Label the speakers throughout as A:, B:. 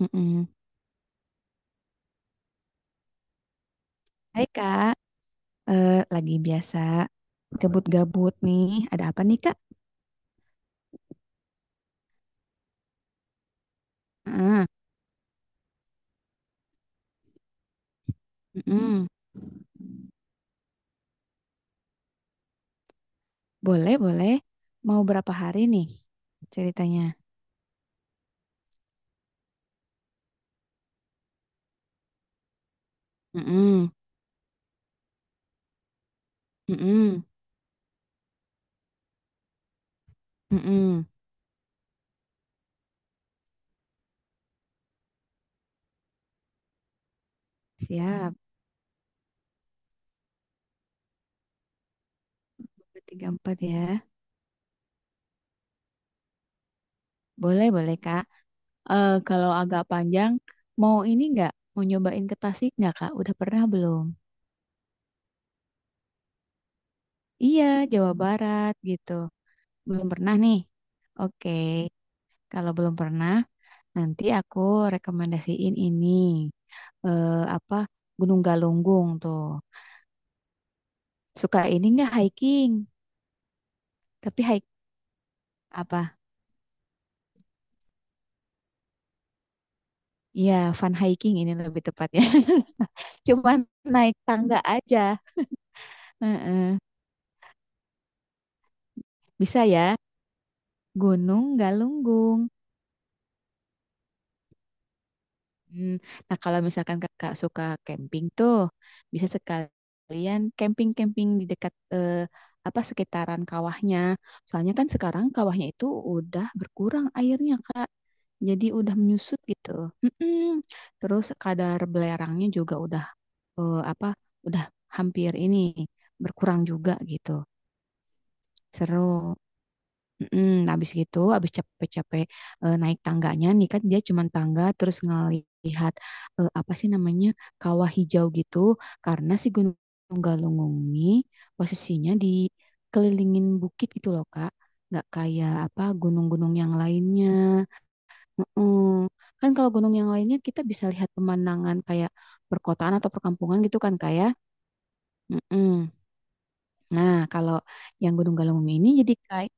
A: Mm-mm. Hai Kak. Lagi biasa gabut-gabut nih. Ada apa nih Kak? Ah, Mm-mm. Boleh, boleh. Mau berapa hari nih ceritanya? Mm-mm. Mm-mm. Mm-mm. Siap. 2, 3, 4, ya. Boleh, boleh, Kak. Kalau agak panjang, mau ini nggak? Mau nyobain ke Tasik nggak Kak? Udah pernah belum? Iya, Jawa Barat gitu. Belum pernah nih. Oke, kalau belum pernah. Nanti aku rekomendasiin ini, apa, Gunung Galunggung tuh. Suka ini nggak hiking? Tapi hike apa? Iya, fun hiking ini lebih tepatnya. Cuman naik tangga aja. Heeh. Bisa ya, Gunung Galunggung. Hmm, Nah, kalau misalkan kakak suka camping tuh, bisa sekalian camping-camping di dekat, apa, sekitaran kawahnya. Soalnya kan sekarang kawahnya itu udah berkurang airnya, Kak. Jadi udah menyusut gitu. Mm-mm. Terus kadar belerangnya juga udah, apa? Udah hampir ini berkurang juga gitu. Seru. Habis gitu, habis capek-capek, naik tangganya nih, kan dia cuma tangga, terus ngelihat, apa sih namanya, kawah hijau gitu, karena si Gunung Galunggung ini posisinya dikelilingin bukit gitu loh, Kak. Nggak kayak apa, gunung-gunung yang lainnya. Mm-mm. Kan kalau gunung yang lainnya kita bisa lihat pemandangan kayak perkotaan atau perkampungan gitu kan kayak. Mm-mm. Nah, kalau yang Gunung Galunggung ini jadi kayak,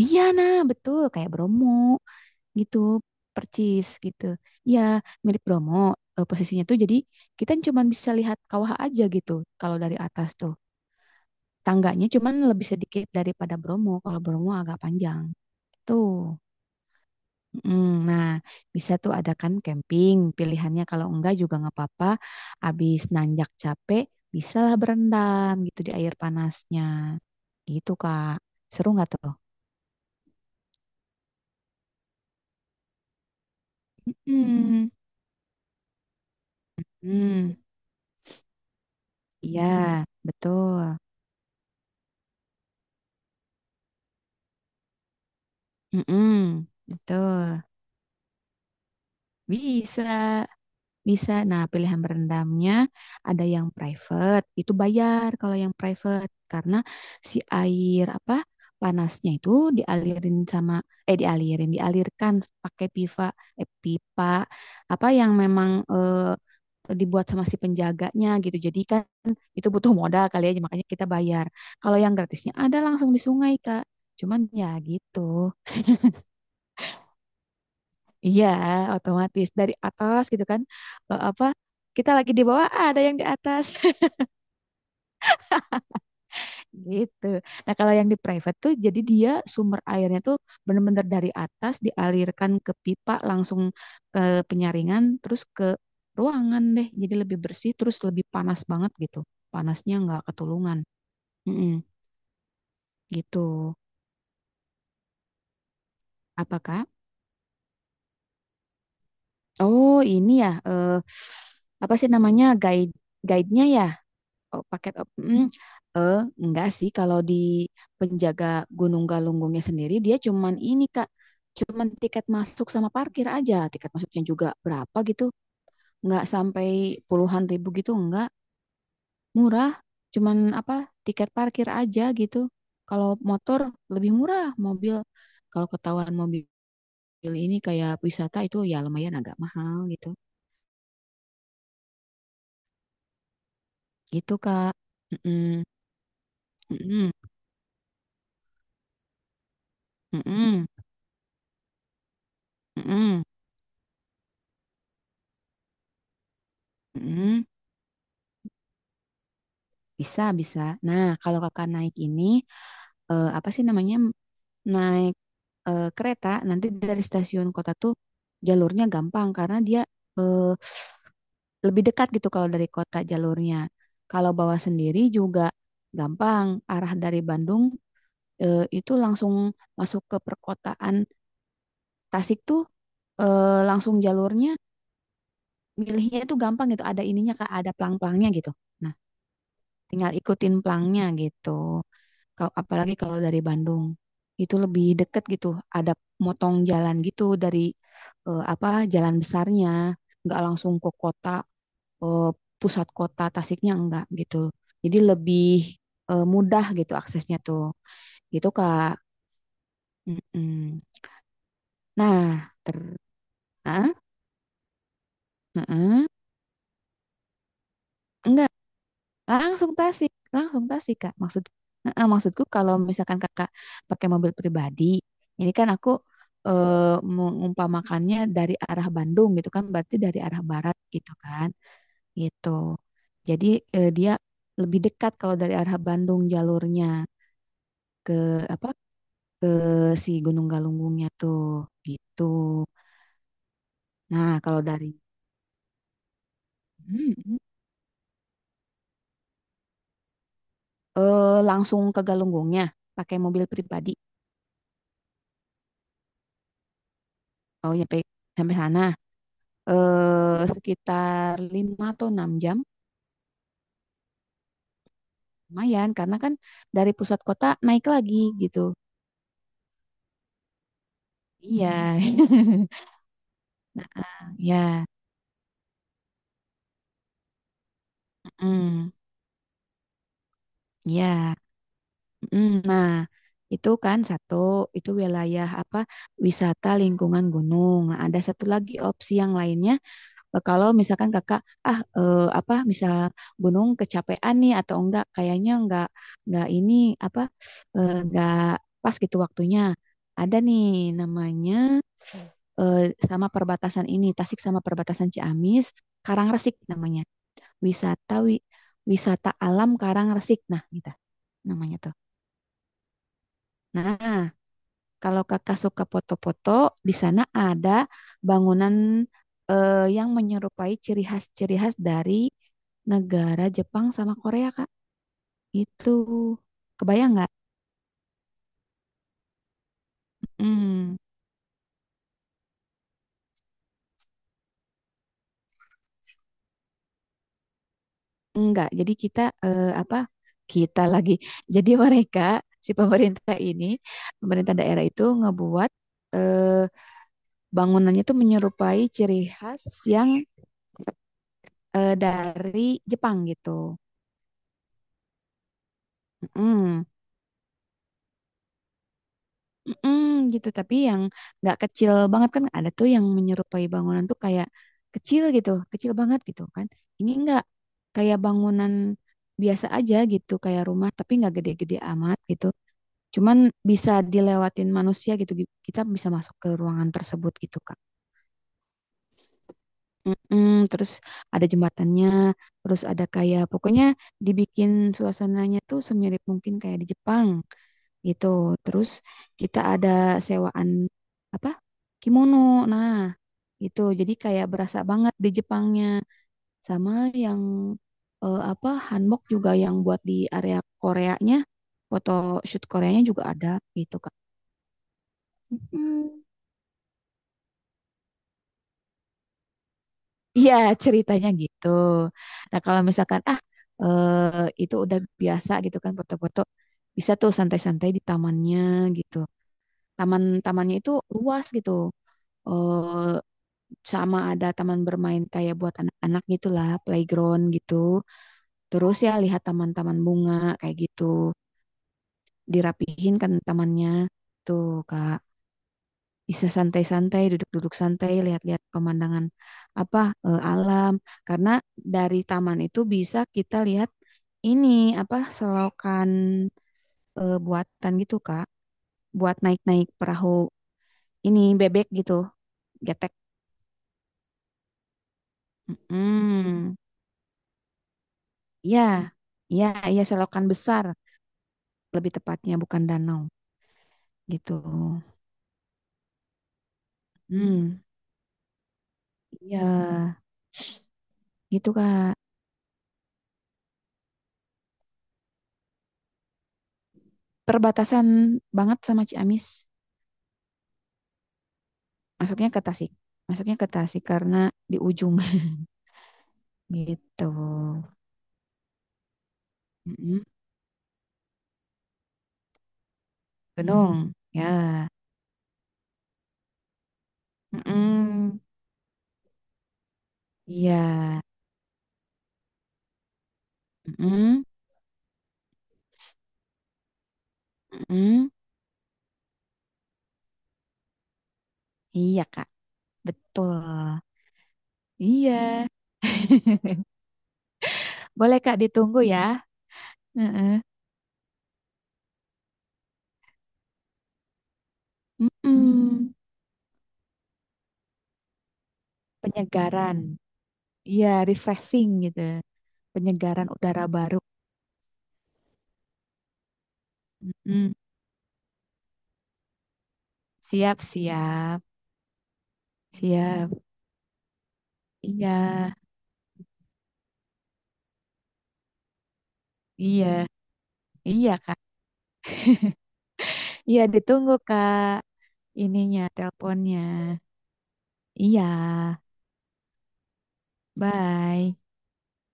A: iya, nah betul, kayak Bromo. Gitu, percis gitu ya, milik Bromo, posisinya tuh jadi kita cuman bisa lihat kawah aja gitu kalau dari atas tuh. Tangganya cuman lebih sedikit daripada Bromo, kalau Bromo agak panjang tuh. Nah, bisa tuh adakan camping pilihannya, kalau enggak juga nggak apa-apa. Abis nanjak capek bisalah berendam gitu di air panasnya, gitu Kak, seru nggak tuh? Hmm, hmm, iya, betul. Mm-mm, betul. Bisa, bisa. Nah, pilihan berendamnya ada yang private, itu bayar kalau yang private, karena si air, apa, panasnya itu dialirin sama, dialirkan pakai pipa, pipa apa, yang memang, dibuat sama si penjaganya gitu. Jadi kan itu butuh modal kali ya, makanya kita bayar. Kalau yang gratisnya ada langsung di sungai, Kak. Cuman ya gitu. Iya, otomatis dari atas gitu kan. Apa, kita lagi di bawah, ada yang di atas gitu. Nah, kalau yang di private tuh jadi dia sumber airnya tuh bener-bener dari atas dialirkan ke pipa langsung ke penyaringan terus ke ruangan deh. Jadi lebih bersih terus lebih panas banget gitu. Panasnya nggak ketulungan. Mm-mm, gitu. Apakah? Oh, ini ya, apa sih namanya, guide-nya ya? Oh, paket op- mm, eh enggak sih, kalau di penjaga Gunung Galunggungnya sendiri, dia cuman ini Kak, cuman tiket masuk sama parkir aja. Tiket masuknya juga berapa gitu, enggak sampai puluhan ribu gitu, enggak, murah, cuman apa, tiket parkir aja gitu. Kalau motor lebih murah, mobil, kalau ketahuan mobil ini kayak wisata itu ya lumayan agak mahal gitu, gitu Kak. Mm-mm. Mm-mm. Mm-mm. Mm-mm. Mm-mm. Bisa, bisa. Nah, kalau kakak naik ini, apa sih namanya, naik, kereta, nanti dari stasiun kota tuh jalurnya gampang, karena dia, eh, lebih dekat gitu kalau dari kota jalurnya. Kalau bawa sendiri juga gampang, arah dari Bandung, itu langsung masuk ke perkotaan Tasik tuh, langsung jalurnya, milihnya itu gampang gitu, ada ininya kak, ada pelang-pelangnya gitu. Nah, tinggal ikutin pelangnya gitu. Apalagi kalau dari Bandung itu lebih deket gitu, ada motong jalan gitu dari, apa, jalan besarnya, nggak langsung ke kota, eh, pusat kota Tasiknya enggak gitu, jadi lebih, mudah gitu aksesnya tuh, gitu Kak. Mm-mm. Nah, ter ah, mm-mm. Enggak, langsung Tasik, langsung Tasik, Kak. Heeh, maksudku kalau misalkan Kakak pakai mobil pribadi, ini kan aku, eh, mengumpamakannya dari arah Bandung gitu kan, berarti dari arah barat gitu kan. Gitu. Jadi, dia lebih dekat kalau dari arah Bandung jalurnya ke apa? Ke si Gunung Galunggungnya tuh, gitu. Nah, kalau dari, hmm, hmm, eh, langsung ke Galunggungnya pakai mobil pribadi. Oh, nyampe, sampai sana. Sekitar 5 atau 6 jam. Lumayan, karena kan dari pusat kota naik lagi gitu. Iya, ya, mm, ya. Mm. Nah, itu kan satu, itu wilayah apa, wisata lingkungan gunung. Nah, ada satu lagi opsi yang lainnya. Kalau misalkan kakak, apa, misal gunung kecapean nih atau enggak, kayaknya enggak ini apa, enggak pas gitu waktunya. Ada nih namanya. eh, Sama perbatasan ini, Tasik sama perbatasan Ciamis, Karangresik namanya. Wisata wi- Wisata alam Karangresik. Nah, gitu namanya tuh. Nah, kalau Kakak suka foto-foto, di sana ada bangunan, yang menyerupai ciri khas-ciri khas dari negara Jepang sama Korea, Kak. Itu kebayang nggak? Hmm. Enggak, jadi kita, apa? Kita lagi. Jadi mereka, si pemerintah ini, pemerintah daerah itu ngebuat, eh, bangunannya tuh menyerupai ciri khas yang, dari Jepang gitu. Mm, mm, Gitu. Tapi yang nggak kecil banget kan ada tuh yang menyerupai bangunan tuh kayak kecil gitu, kecil banget gitu kan. Ini enggak kayak bangunan biasa aja gitu, kayak rumah tapi nggak gede-gede amat gitu. Cuman bisa dilewatin manusia gitu. Kita bisa masuk ke ruangan tersebut gitu, Kak. Mm-mm. Terus ada jembatannya, terus ada kayak pokoknya dibikin suasananya tuh semirip mungkin kayak di Jepang gitu. Terus kita ada sewaan apa? Kimono. Nah, gitu. Jadi kayak berasa banget di Jepangnya, sama yang, apa, hanbok juga yang buat di area Koreanya, foto shoot Koreanya juga ada gitu, Kak. Mm-mm. Iya, ceritanya gitu. Nah, kalau misalkan, eh, itu udah biasa gitu kan foto-foto, bisa tuh santai-santai di tamannya gitu. Taman-tamannya itu luas gitu. Eh Sama ada taman bermain kayak buat anak-anak gitulah, playground gitu. Terus ya lihat taman-taman bunga kayak gitu. Dirapihin kan tamannya. Tuh, Kak, bisa santai-santai, duduk-duduk santai, lihat-lihat pemandangan, apa, alam. Karena dari taman itu bisa kita lihat ini, apa, selokan, buatan gitu Kak, buat naik-naik perahu ini, bebek gitu, getek. mm Ya, ya, ya, selokan besar lebih tepatnya, bukan danau gitu. Hmm, ya, gitu Kak. Perbatasan banget sama Ciamis. Masuknya ke Tasik. Masuknya ke Tasik karena di ujung gitu. Mm-mm. Gunung. Ya. Mm-mm. Iya. Mm-mm. Mm-mm. Iya, Kak. Betul. Iya. Boleh, Kak, ditunggu ya. Heeh. Mm-mm. Penyegaran. Iya, refreshing gitu. Penyegaran udara baru. Mm-mm. Siap, siap. Siap. Iya. Iya. Iya, Kak. Iya, ditunggu, Kak. Ininya, teleponnya. Iya, bye.